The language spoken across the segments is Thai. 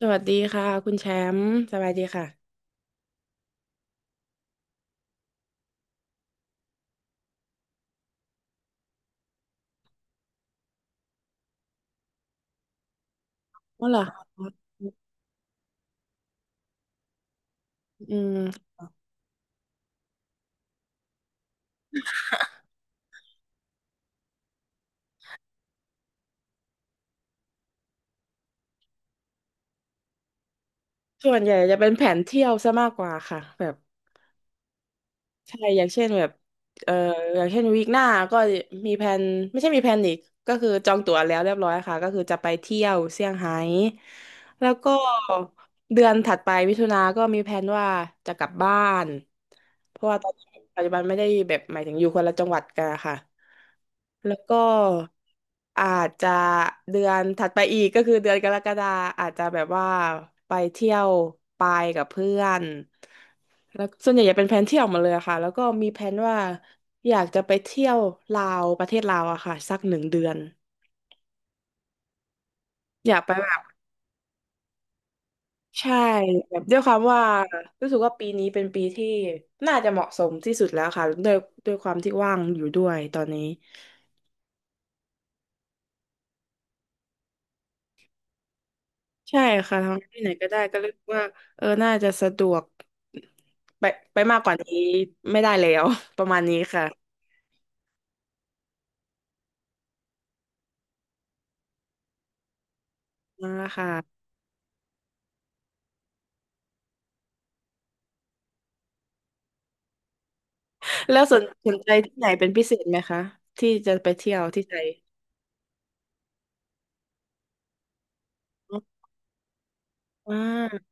สวัสดีค่ะคุณแชมป์สบายดีค่ะว่อเหรอคะอืมส่วนใหญ่จะเป็นแผนเที่ยวซะมากกว่าค่ะแบบใช่อย่างเช่นแบบเอ่ออย่างเช่นวีคหน้าก็มีแผนไม่ใช่มีแผนอีกก็คือจองตั๋วแล้วเรียบร้อยค่ะก็คือจะไปเที่ยวเซี่ยงไฮ้แล้วก็ เดือนถัดไปมิถุนาก็มีแผนว่าจะกลับบ้านเพราะว่าตอนนี้ปัจจุบันไม่ได้แบบหมายถึงอยู่คนละจังหวัดกันอะค่ะแล้วก็อาจจะเดือนถัดไปอีกก็คือเดือนกรกฎาอาจจะแบบว่าไปเที่ยวไปกับเพื่อนแล้วส่วนใหญ่จะเป็นแผนเที่ยวหมาเลยอะค่ะแล้วก็มีแผนว่าอยากจะไปเที่ยวลาวประเทศลาวอะค่ะสักหนึ่งเดือนอยากไปแบบ ใช่แบบด้วยความว่ารู้สึกว่าปีนี้เป็นปีที่น่าจะเหมาะสมที่สุดแล้วค่ะด้วยด้วยความที่ว่างอยู่ด้วยตอนนี้ใช่ค่ะทำที่ไหนก็ได้ก็รู้สึกว่าเออน่าจะสะดวกไปไปมากกว่านี้ไม่ได้แล้ว ประมาณนี้ค่ะอ่าค่ะแล้วสนใจที่ไหนเป็นพิเศษไหมคะที่จะไปเที่ยวที่ไทยอ่า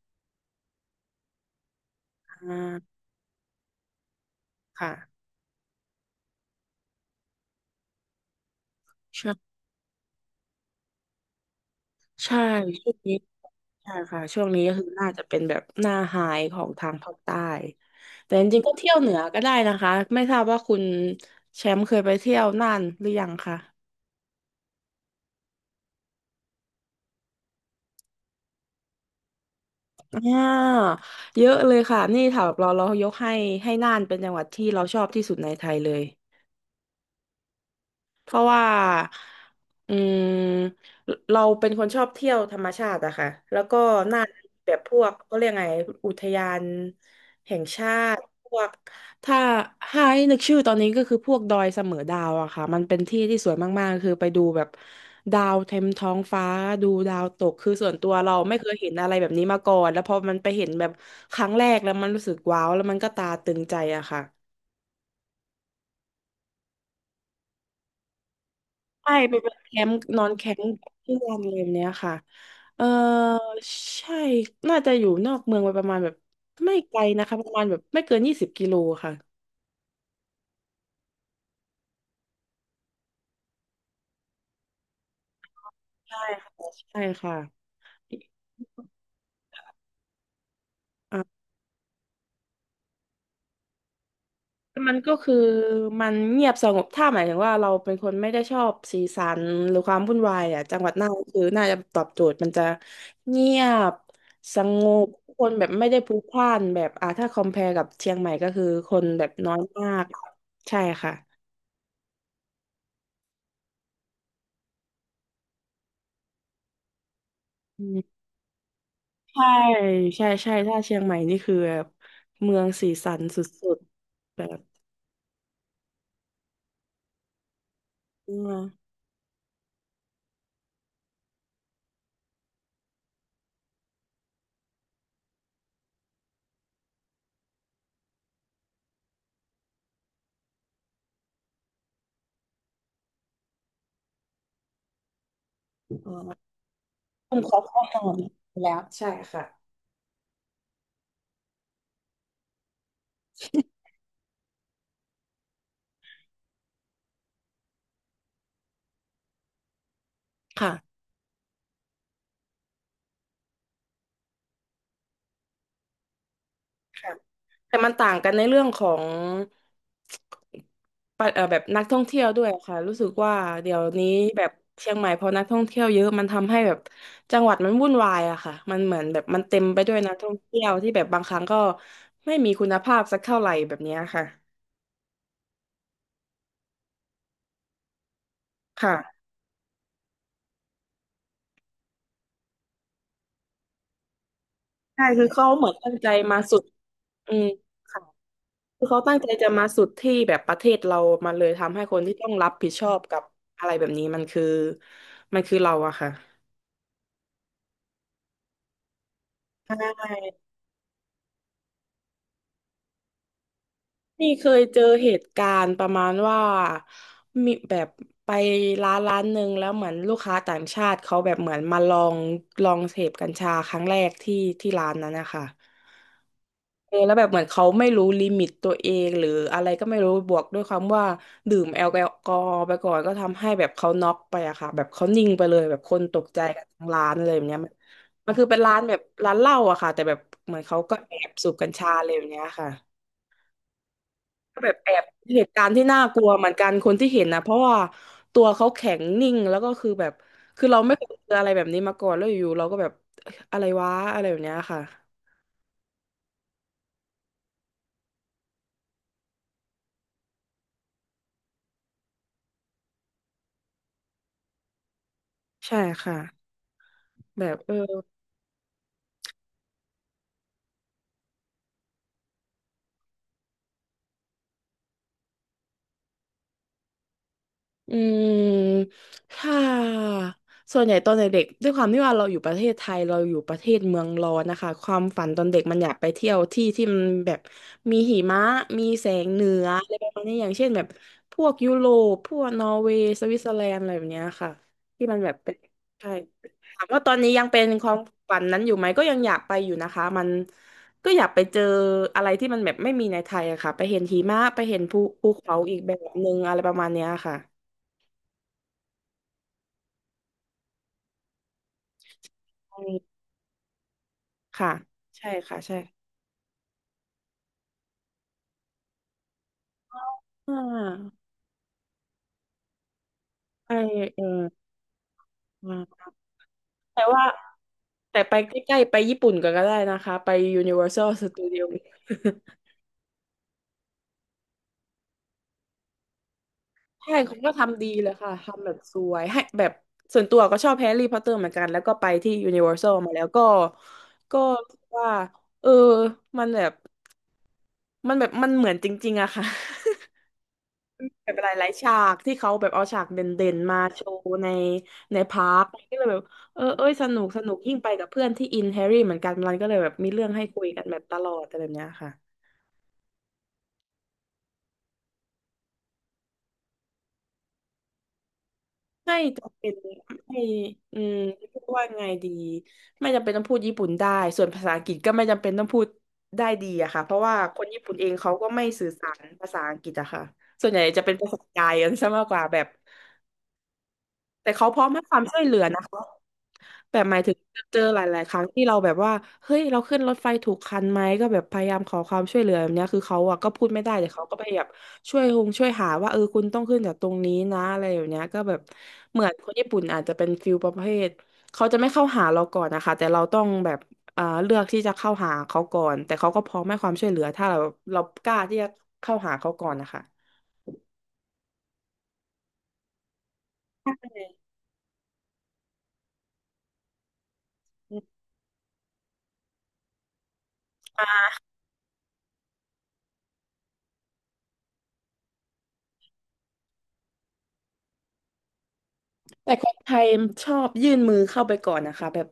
อ่าค่ะใช่ใช่ช่วงนี้ ใช่ค่ะช่วงนี้ก็คือน่าจะเป็นแบบหน้าไฮของทางภาคใต้แต่จริงๆก็เที่ยวเหนือก็ได้นะคะไม่ทราบว่าคุณแชมป์เคยไปเที่ยวน่านหรือยังคะอ่าเยอะเลยค่ะนี่แถวเรายกให้ให้น่านเป็นจังหวัดที่เราชอบที่สุดในไทยเลย เพราะว่าอืมเราเป็นคนชอบเที่ยวธรรมชาติอะค่ะแล้วก็น่าแบบพวกก็เรียกไงอุทยานแห่งชาติพวกถ้าให้นึกชื่อตอนนี้ก็คือพวกดอยเสมอดาวอะค่ะมันเป็นที่ที่สวยมากๆคือไปดูแบบดาวเต็มท้องฟ้าดูดาวตกคือส่วนตัวเราไม่เคยเห็นอะไรแบบนี้มาก่อนแล้วพอมันไปเห็นแบบครั้งแรกแล้วมันรู้สึกว้าวแล้วมันก็ตาตึงใจอะค่ะ ใช่ไปเป็นแคมป์นอนแคมป์ที่วันอะไรแบบเนี้ยค่ะเออใช่น่าจะอยู่นอกเมืองไปประมาณแบบไม่ไกลนะคะประมาณแบบไม่เกิน20 กิโลค่ะใช่ค่ะใช่ค่ะอ่ะมันก็คือมันเงียบสงบถ้าหมายถึงว่าเราเป็นคนไม่ได้ชอบสีสันหรือความวุ่นวายอ่ะจังหวัดน่านคือน่าจะตอบโจทย์มันจะเงียบสงบคนแบบไม่ได้พลุกพล่านแบบอ่าถ้าคอม p พ r e กับเชียงใหม่ก็คือคนแบบน้อยมากใช่ค่ะ อืมใช่ใช่ใช่ถ้าเชียงใหม่นี่คือแบบเมืองสีสันสุดๆแบบอืมอ๋อผมขอข้อมูลแล้วใช่ค่ะค่ะค่ะแต่มันต่างกันในเรื่องของปะเอ่อแบบนักท่องเที่ยวด้วยค่ะรู้สึกว่าเดี๋ยวนี้แบบเชียงใหม่พอนักท่องเที่ยวเยอะมันทำให้แบบจังหวัดมันวุ่นวายอะค่ะมันเหมือนแบบมันเต็มไปด้วยนักท่องเที่ยวที่แบบบางครั้งก็ไม่มีคุณภาพสักเท่าไหร่แบบเนี้ยค่ะค่ะ ใช่คือเขาเหมือนตั้งใจมาสุดอืมค่ะคือเขาตั้งใจจะมาสุดที่แบบประเทศเรามาเลยทำให้คนที่ต้องรับผิดชอบกับอะไรแบบนี้มันคือเราอะค่ะใช่ นี่เคยเจอเหตุการณ์ประมาณว่ามีแบบไปร้านหนึ่งแล้วเหมือนลูกค้าต่างชาติเขาแบบเหมือนมาลองเสพกัญชาครั้งแรกที่ร้านนั้นนะคะเออแล้วแบบเหมือนเขาไม่รู้ลิมิตตัวเองหรืออะไรก็ไม่รู้บวกด้วยความว่าดื่มแอลกอฮอล์ไปก่อนก็ทำให้แบบเขาน็อกไปอะค่ะแบบเขานิ่งไปเลยแบบคนตกใจกันทั้งร้านเลยแบบเนี้ยมันมันคือเป็นร้านแบบร้านเหล้าอะค่ะแต่แบบเหมือนเขาก็แอบสูบกัญชาเลยแบบเนี้ยค่ะ ก็แบบแอบเหตุการณ์ที่น่ากลัวเหมือนกันคนที่เห็นนะเพราะว่าตัวเขาแข็งนิ่งแล้วก็คือแบบคือเราไม่เคยเจออะไรแบบนี้มาก่อนแล้วอยู่ๆเราก็แบบอะอะไรวะอะไรแบบเนี้ยค่ะใช่ค่ะแบบเออ อืมถ้าส่วนใหญ่ตอนเด็กๆด้วยความที่ว่าเราอยู่ประเทศไทยเราอยู่ประเทศเมืองร้อนนะคะความฝันตอนเด็กมันอยากไปเที่ยวที่ที่มันแบบมีหิมะมีแสงเหนืออะไรประมาณนี้อย่างเช่นแบบพวกยุโรปพวกนอร์เวย์สวิตเซอร์แลนด์อะไรแบบเนี้ยค่ะที่มันแบบเป็นใช่ถามว่าตอนนี้ยังเป็นความฝันนั้นอยู่ไหมก็ยังอยากไปอยู่นะคะมันก็อยากไปเจออะไรที่มันแบบไม่มีในไทยอะค่ะไปเห็นหิมะไปเห็นภูเขาอีกแบบนึงอะไรประมาณเนี้ยค่ะ ค่ะใช่ค่ะใช่อ่าไปเออมาแต่ว่าแต่ไปใกล้ๆไปญี่ปุ่นก็ได้นะคะไป Universal Studio ใช่เขาก็ทำดีเลยค่ะทำแบบสวยให้แบบส่วนตัวก็ชอบแฮร์รี่พอตเตอร์เหมือนกันแล้วก็ไปที่ Universal มาแล้วก็ก็รู้สึกว่าเออมันแบบมันแบบมันเหมือนจริงๆอะค่ะ แบบหลายๆฉากที่เขาแบบเอาฉากเด่นๆมาโชว์ในในพาร์คก็เลยแบบเออเอ้ยสนุกสนุกยิ่งไปกับเพื่อนที่อินแฮร์รี่เหมือนกันมันก็เลยแบบมีเรื่องให้คุยกันแบบตลอดอะไรแบบเนี้ยค่ะไม่จำเป็นไม่อืมพูดว่าไงดีไม่จำเป็นต้องพูดญี่ปุ่นได้ส่วนภาษาอังกฤษก็ไม่จำเป็นต้องพูดได้ดีอะค่ะเพราะว่าคนญี่ปุ่นเองเขาก็ไม่สื่อสารภาษาอังกฤษอะค่ะส่วนใหญ่จะเป็นภาษากายกันซะมากกว่าแบบแต่เขาพร้อมให้ความช่วยเหลือนะคะ แบบหมายถึงเจอหลายๆครั้งที่เราแบบว่าเฮ้ยเราขึ้นรถไฟถูกคันไหมก็แบบพยายามขอความช่วยเหลือแบบเนี้ยคือเขาอะก็พูดไม่ได้แต่เขาก็พยายามช่วยคงช่วยหาว่าเออคุณต้องขึ้นจากตรงนี้นะอะไรแบบเนี้ยก็แบบเหมือนคนญี่ปุ่นอาจจะเป็นฟิลประเภทเขาจะไม่เข้าหาเราก่อนนะคะแต่เราต้องแบบเอ่าเลือกที่จะเข้าหาเขาก่อนแต่เขาก็พร้อมให้ความช่วยเหลือถ้าเรากล้าที่จะเข้าหาเขาก่อนนะคะใช่ แต่คนไทยชอบยื่นมือเข้าไปก่อนนะคะแบบ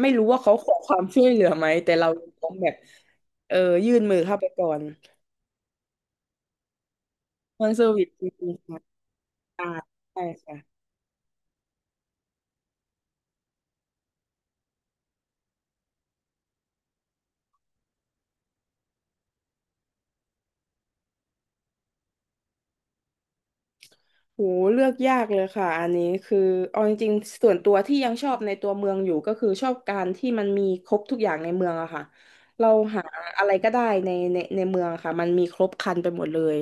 ไม่รู้ว่าเขาขอความช่วยเหลือไหมแต่เราต้องแบบเออยื่นมือเข้าไปก่อนมันเซอร์วิสจริงๆค่ะใช่ค่ะ โหเลือกยากเลยค่ะอันนี้คือเอาจริงๆส่วนตัวที่ยังชอบในตัวเมืองอยู่ก็คือชอบการที่มันมีครบทุกอย่างในเมืองอะค่ะเราหาอะไรก็ได้ในในเมืองอะค่ะมันมีครบครันไปหมดเลย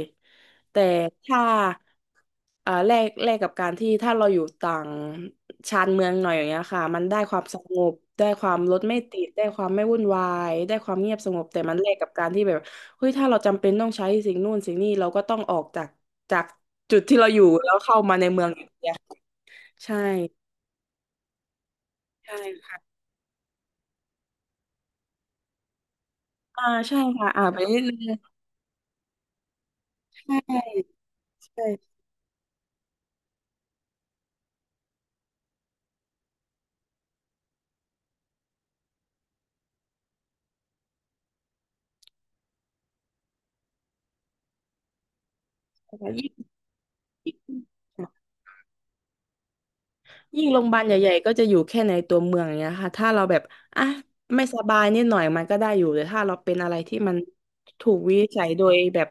แต่ถ้าอ่าแลกกับการที่ถ้าเราอยู่ต่างชานเมืองหน่อยอย่างเงี้ยค่ะมันได้ความสงบได้ความรถไม่ติดได้ความไม่วุ่นวายได้ความเงียบสงบแต่มันแลกกับการที่แบบ เฮ้ยถ้าเราจำเป็นต้องใช้สิ่งนู่นสิ่งนี้เราก็ต้องออกจากจากจุดที่เราอยู่แล้วเข้ามาในเมืองอย่างเดียวใช่ใช่ค่ะอ่าใช่ค่ะอ่าไปนิดนึงใช่ใช่ใช่ยิ่งโรงพยาบาลใหญ่ๆก็จะอยู่แค่ในตัวเมืองอย่างเงี้ยค่ะถ้าเราแบบอ่ะไม่สบายนิดหน่อยมันก็ได้อยู่แต่ถ้าเราเป็นอะไรที่มันถูกวินิจฉัยโดยแบบ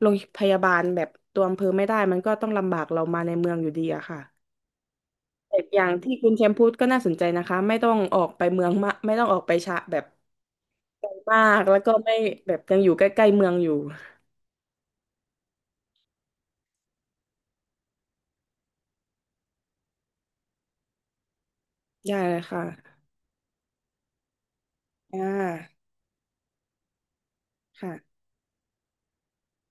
โรงพยาบาลแบบตัวอำเภอไม่ได้มันก็ต้องลำบากเรามาในเมืองอยู่ดีอะค่ะ แต่อย่างที่คุณแชมป์พูดก็น่าสนใจนะคะไม่ต้องออกไปเมืองมากไม่ต้องออกไปชะแบบไกลมากแล้วก็ไม่แบบยังอยู่ใกล้ๆเมืองอยู่ได้เลยค่ะอ่าค่ะ